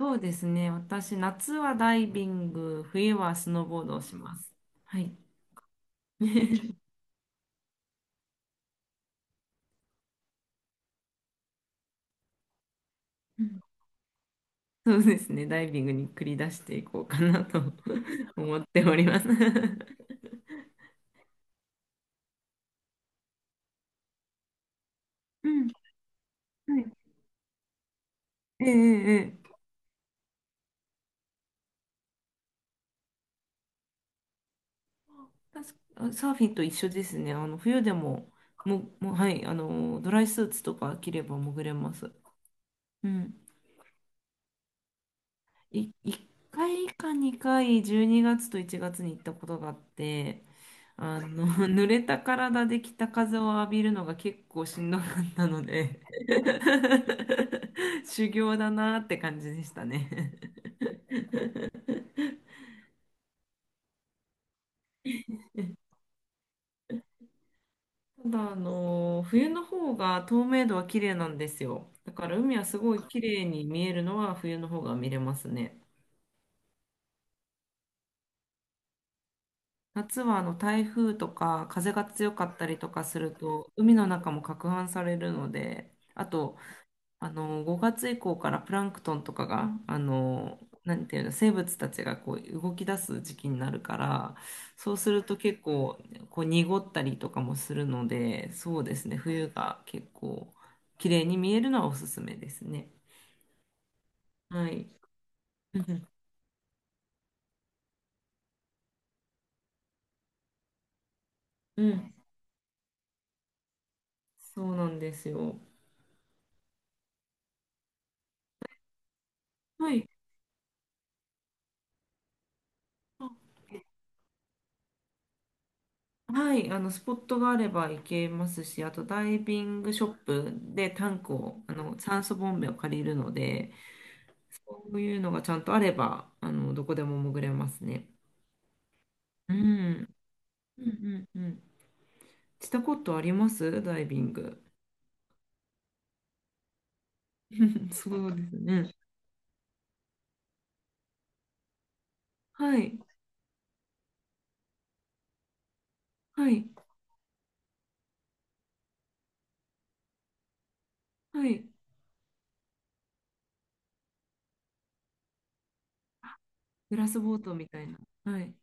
そうですね。私、夏はダイビング、冬はスノーボードをします。はい。そうですね。ダイビングに繰り出していこうかなと 思っております。うん。はい。ええええ。確かサーフィンと一緒ですね。あの冬でも、もう、はい、あの、ドライスーツとか着れば潜れます。うん。1回か2回、12月と1月に行ったことがあって、あの 濡れた体で北風を浴びるのが結構しんどかったので 修行だなって感じでしたね。ただあの冬の方が透明度は綺麗なんですよ。だから海はすごい綺麗に見えるのは冬の方が見れますね。夏はあの台風とか風が強かったりとかすると海の中も攪拌されるので、あとあの5月以降からプランクトンとかがあの、なんていうの、生物たちがこう動き出す時期になるから、そうすると結構こう濁ったりとかもするので、そうですね、冬が結構綺麗に見えるのはおすすめですね。はい。うん、うん。そうなんですよ。はい。はい、あの、スポットがあれば行けますし、あとダイビングショップでタンクを、あの、酸素ボンベを借りるので、そういうのがちゃんとあれば、あの、どこでも潜れますね。うん。うんうんうん。したことありますダイビング？そうですね。はい、はい、はい。グラスボートみたいな。はい。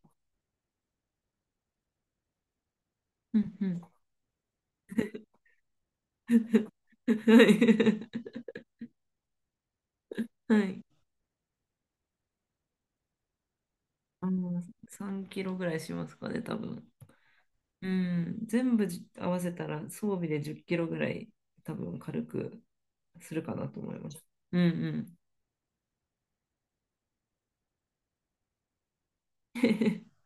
うんうん。はい。はい。あの、3キロぐらいしますかね、多分。うん、全部じ合わせたら装備で10キロぐらい多分軽くするかなと思います。うんうん。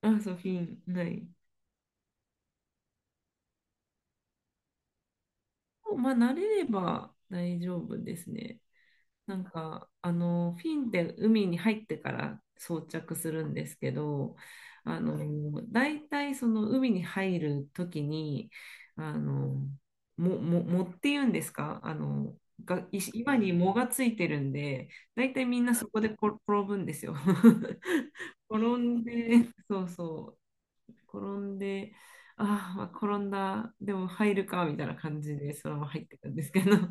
あ、そう、フィン、ない。まあ、慣れれば大丈夫ですね。なんかあのフィンって海に入ってから装着するんですけど、あい。の大体その海に入る時にあの、もも藻っていうんですか、あのがい、今に藻がついてるんで、大体みんなそこでこ転ぶんですよ。転んで、そうそう、転んで、あーまあ、転んだ、でも入るか、みたいな感じで、そのまま入ってたんですけど、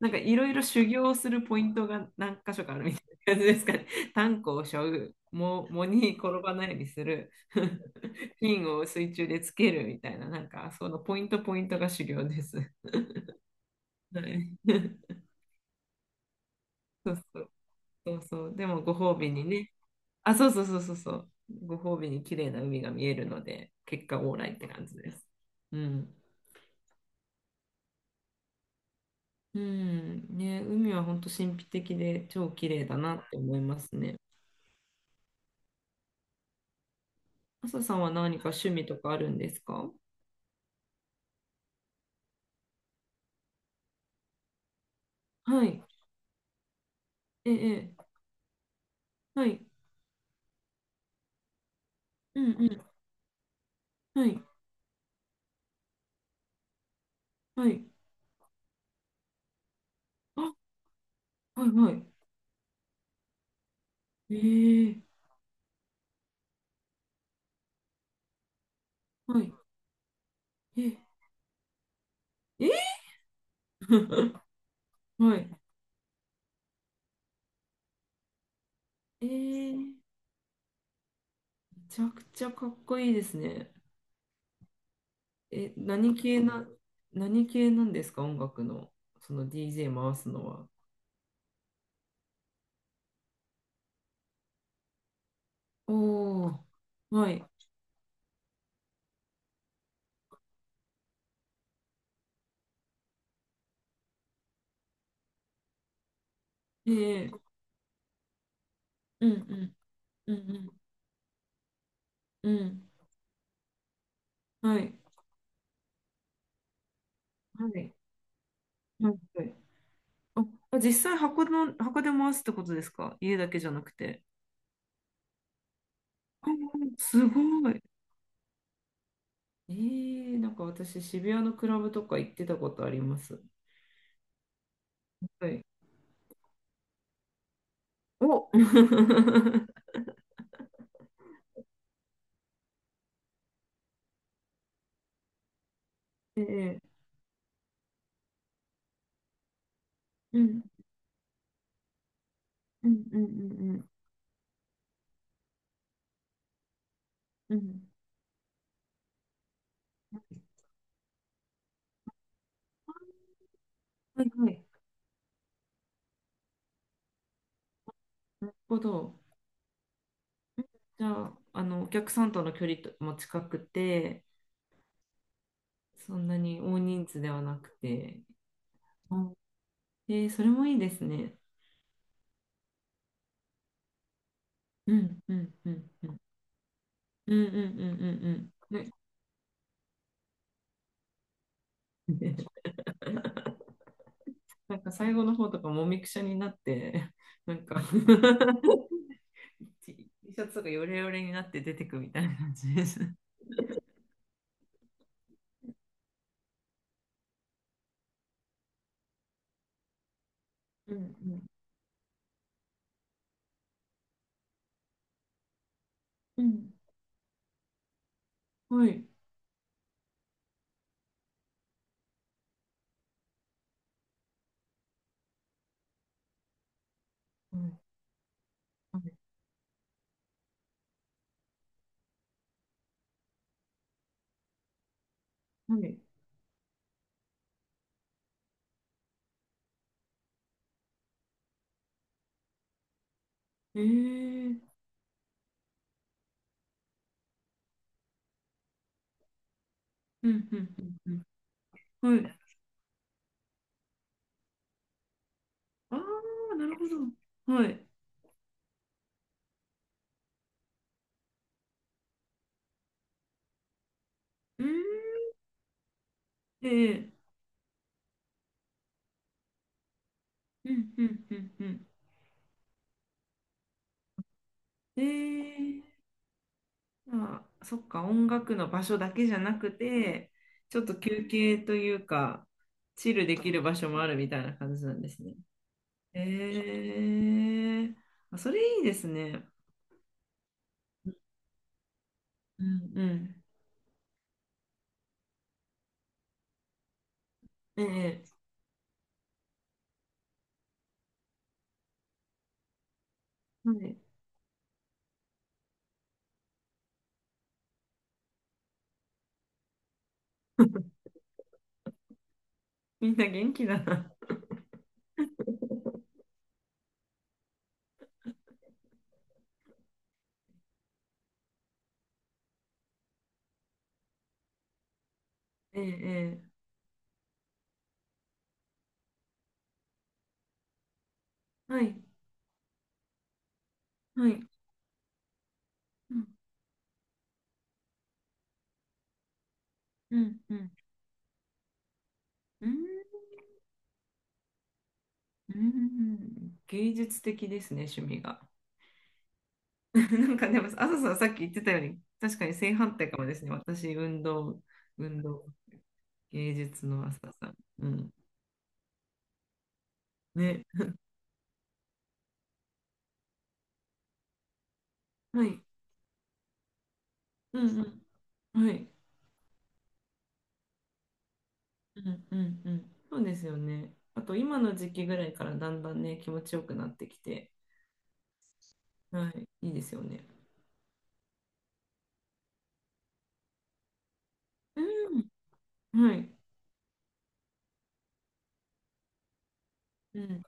なんかいろいろ修行するポイントが何箇所かあるみたいな感じですかね。炭鉱を背負う、藻藻に転ばないようにする、金を水中でつけるみたいな、なんかそのポイントポイントが修行です。はい。そうそうそうそう。でもご褒美にね。あ、そうそうそうそうそう。ご褒美に綺麗な海が見えるので、結果オーライって感じです。うん。うん、ね、海は本当神秘的で超綺麗だなって思いますね。朝さんは何か趣味とかあるんですか？はい。ええ、ええ。はい。うんうん。はい。はい。あ、はいはい。ええ、はい。え、え。 はい。ええ、めちゃくちゃかっこいいですね。え、何系な、何系なんですか音楽の、その DJ 回すのは。おお。はい。ええ、うんうん。うんうん。うん。はい。はい。はい。あ、実際箱の、箱で回すってことですか、家だけじゃなくて。あ、すごい。えー、なんか私、渋谷のクラブとか行ってたことあります。はい。お。 ええ。うん、うん、うん、うん、うん。はい、はい。なるほど。じゃあ、あの、お客さんとの距離とも近くて、そんなに大人数ではなくて、あ、えー、それもいいですね。うん、うん、うん、うん。うんうんうんうんうん。ね。 なんか最後の方とかもみくちゃになって、なんか T T シャツがヨレヨレになって出てくみたいな感じです。うんうん。うん。はい。はいはい。ええー。うんうんうんうん。はい。ああ、なるほど。はい。うーん。えー。うんうんうんうん。ええ。まあ、そっか、音楽の場所だけじゃなくて、ちょっと休憩というか、チルできる場所もあるみたいな感じなんですね。ええ、あ、それいいですね。うんうん。ええ。はい。みんな元気だな。ええええ。はい、はい。うん、うん、うん。うん、うん、芸術的ですね、趣味が。なんかでも、朝さんさっき言ってたように、確かに正反対かもですね。私、運動、芸術の朝さん。うん。ね。はい。うんうん。はい。うんうんうん。そうですよね。あと今の時期ぐらいからだんだんね、気持ちよくなってきて、はい。いいですよね。うん。はい。うん。